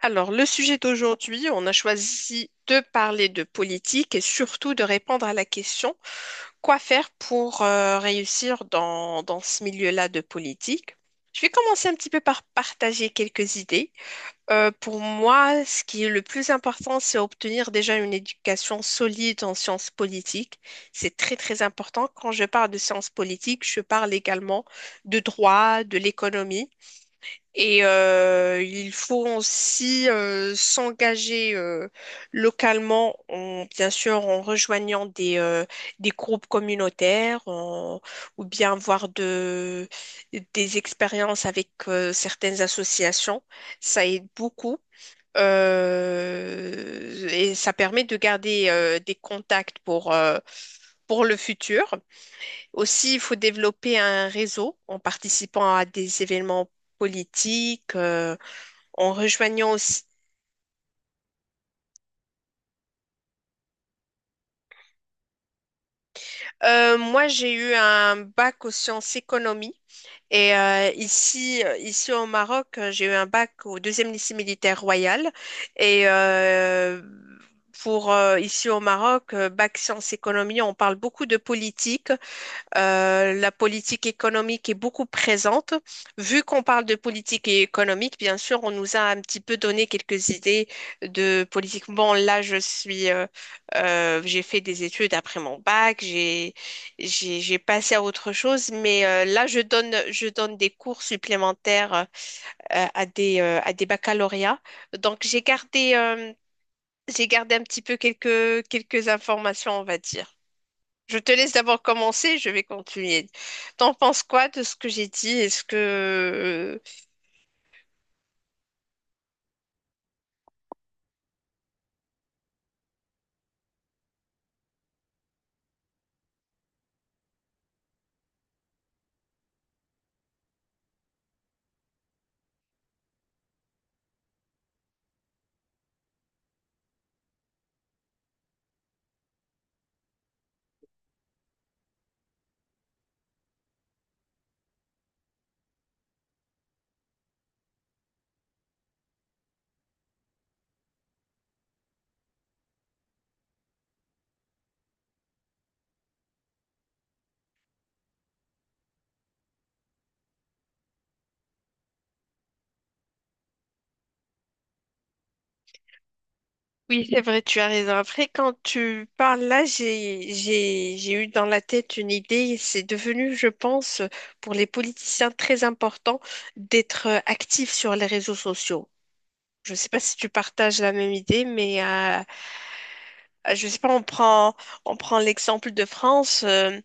Alors, le sujet d'aujourd'hui, on a choisi de parler de politique et surtout de répondre à la question, quoi faire pour réussir dans ce milieu-là de politique? Je vais commencer un petit peu par partager quelques idées. Pour moi, ce qui est le plus important, c'est obtenir déjà une éducation solide en sciences politiques. C'est très, très important. Quand je parle de sciences politiques, je parle également de droit, de l'économie. Et il faut aussi s'engager localement, bien sûr en rejoignant des groupes communautaires ou bien voir des expériences avec certaines associations. Ça aide beaucoup. Et ça permet de garder des contacts pour le futur. Aussi, il faut développer un réseau en participant à des événements politiques, en rejoignant aussi. Moi, j'ai eu un bac aux sciences économie et ici, ici au Maroc, j'ai eu un bac au deuxième lycée militaire royal et pour ici au Maroc, bac sciences économie, on parle beaucoup de politique. La politique économique est beaucoup présente. Vu qu'on parle de politique économique, bien sûr, on nous a un petit peu donné quelques idées de politique. Bon, là, j'ai fait des études après mon bac, j'ai passé à autre chose, mais là, je donne des cours supplémentaires à à des baccalauréats. Donc, j'ai gardé un petit peu quelques informations, on va dire. Je te laisse d'abord commencer, je vais continuer. T'en penses quoi de ce que j'ai dit? Est-ce que... Oui, c'est vrai, tu as raison. Après, quand tu parles là, j'ai eu dans la tête une idée. C'est devenu, je pense, pour les politiciens très important d'être actifs sur les réseaux sociaux. Je ne sais pas si tu partages la même idée, mais je ne sais pas, on prend l'exemple de France.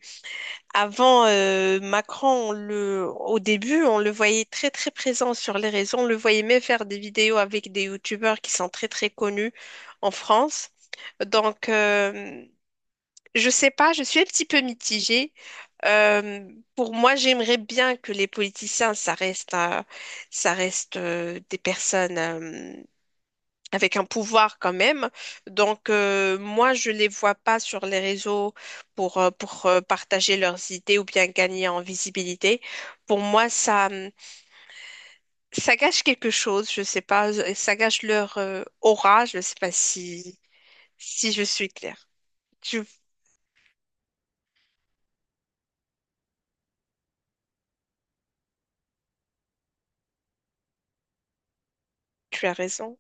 Avant Macron, au début, on le voyait très très présent sur les réseaux. On le voyait même faire des vidéos avec des youtubeurs qui sont très très connus en France. Donc, je sais pas, je suis un petit peu mitigée. Euh, pour moi, j'aimerais bien que les politiciens, ça reste des personnes, avec un pouvoir quand même. Donc, moi, je les vois pas sur les réseaux pour partager leurs idées ou bien gagner en visibilité. Pour moi, ça, ça gâche quelque chose, je sais pas, ça gâche leur aura, je sais pas si, si je suis claire. Tu, tu as raison.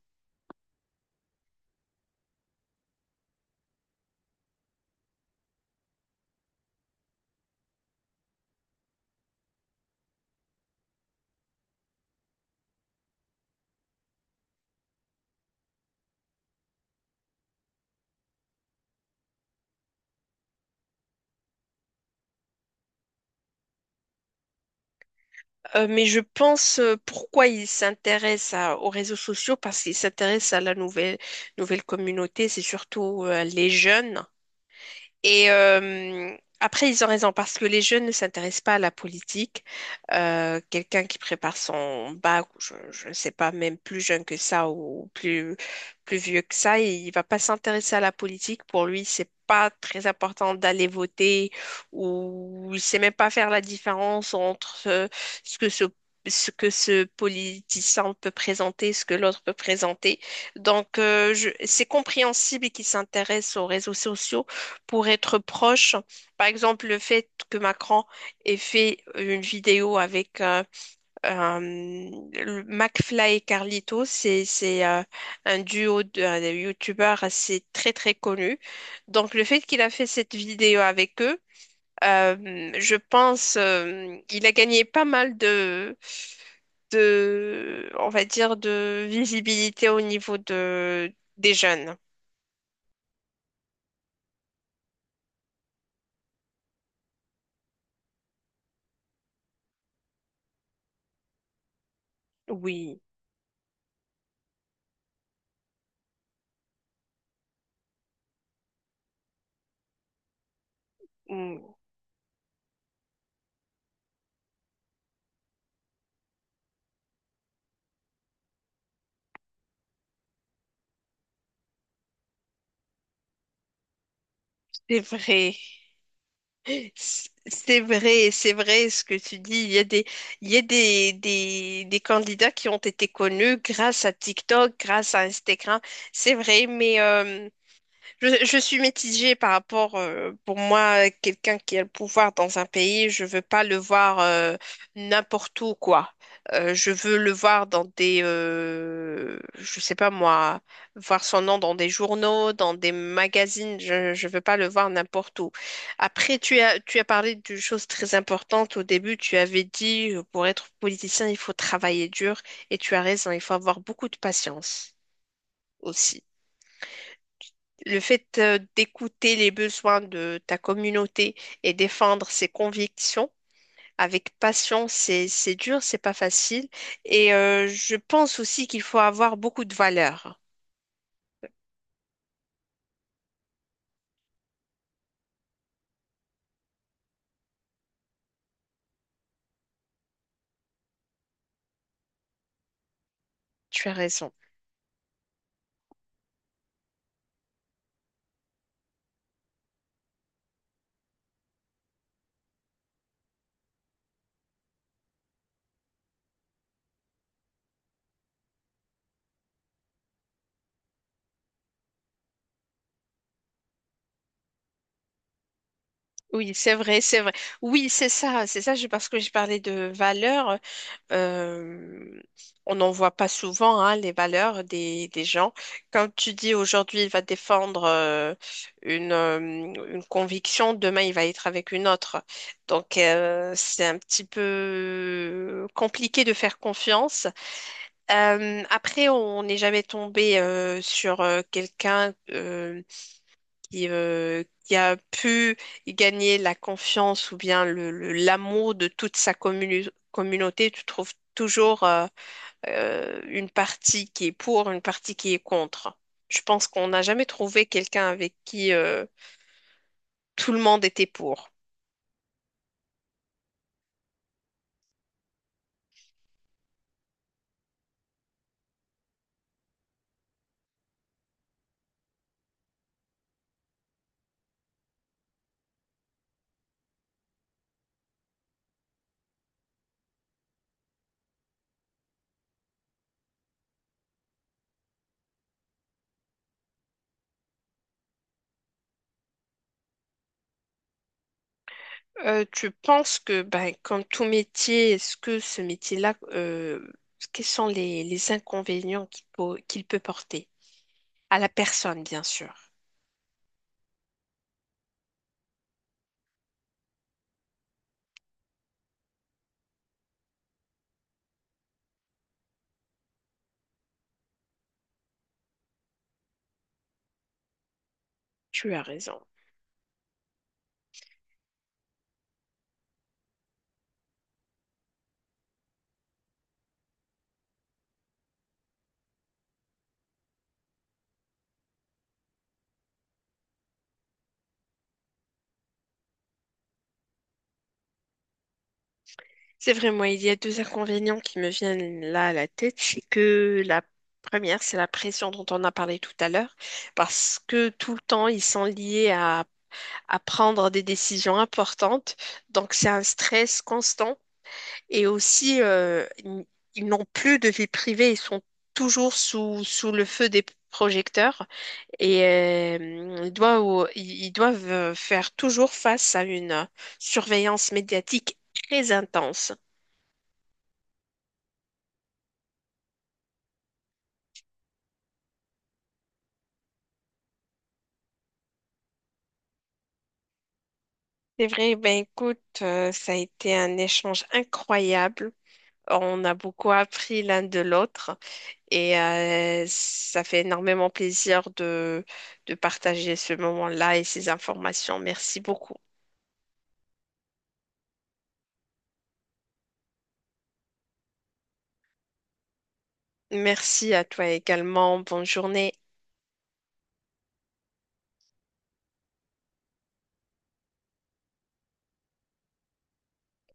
Mais je pense pourquoi ils s'intéressent aux réseaux sociaux, parce qu'ils s'intéressent à la nouvelle communauté, c'est surtout les jeunes. Et après, ils ont raison parce que les jeunes ne s'intéressent pas à la politique. Quelqu'un qui prépare son bac, ou je ne sais pas, même plus jeune que ça ou plus vieux que ça, il ne va pas s'intéresser à la politique. Pour lui, c'est pas très important d'aller voter ou il sait même pas faire la différence entre ce que ce ce que ce politicien peut présenter, ce que l'autre peut présenter. Donc, c'est compréhensible qu'il s'intéresse aux réseaux sociaux pour être proche. Par exemple, le fait que Macron ait fait une vidéo avec le McFly et Carlito, c'est un duo de youtubeurs assez très très connu. Donc le fait qu'il a fait cette vidéo avec eux, je pense il a gagné pas mal de on va dire de visibilité au niveau de des jeunes. Oui, mm, c'est vrai. C'est vrai, c'est vrai ce que tu dis. Il y a des des candidats qui ont été connus grâce à TikTok, grâce à Instagram. C'est vrai, mais je suis mitigée par rapport, pour moi, quelqu'un qui a le pouvoir dans un pays, je veux pas le voir n'importe où, quoi. Je veux le voir dans je sais pas moi, voir son nom dans des journaux, dans des magazines. Je veux pas le voir n'importe où. Après, tu as parlé d'une chose très importante au début. Tu avais dit, pour être politicien, il faut travailler dur, et tu as raison. Il faut avoir beaucoup de patience aussi. Le fait d'écouter les besoins de ta communauté et défendre ses convictions avec patience, c'est dur, c'est pas facile. Et je pense aussi qu'il faut avoir beaucoup de valeur. Tu as raison. Oui, c'est vrai, c'est vrai. Oui, c'est ça, c'est ça. Parce que je parlais de valeurs, euh, on n'en voit pas souvent, hein, les valeurs des gens. Quand tu dis aujourd'hui il va défendre une conviction, demain il va être avec une autre. Donc c'est un petit peu compliqué de faire confiance. Après, on n'est jamais tombé sur quelqu'un, qui a pu gagner la confiance ou bien l'amour de toute sa communauté, tu trouves toujours une partie qui est pour, une partie qui est contre. Je pense qu'on n'a jamais trouvé quelqu'un avec qui tout le monde était pour. Tu penses que, ben, comme tout métier, est-ce que ce métier-là, quels sont les inconvénients qu'il peut porter à la personne, bien sûr? Tu as raison. C'est vrai, moi, il y a deux inconvénients qui me viennent là à la tête. C'est que la première, c'est la pression dont on a parlé tout à l'heure, parce que tout le temps, ils sont liés à prendre des décisions importantes. Donc, c'est un stress constant. Et aussi, ils n'ont plus de vie privée, ils sont toujours sous le feu des projecteurs et ils doivent faire toujours face à une surveillance médiatique très intense. C'est vrai, ben écoute, ça a été un échange incroyable. On a beaucoup appris l'un de l'autre et ça fait énormément plaisir de partager ce moment-là et ces informations. Merci beaucoup. Merci à toi également. Bonne journée.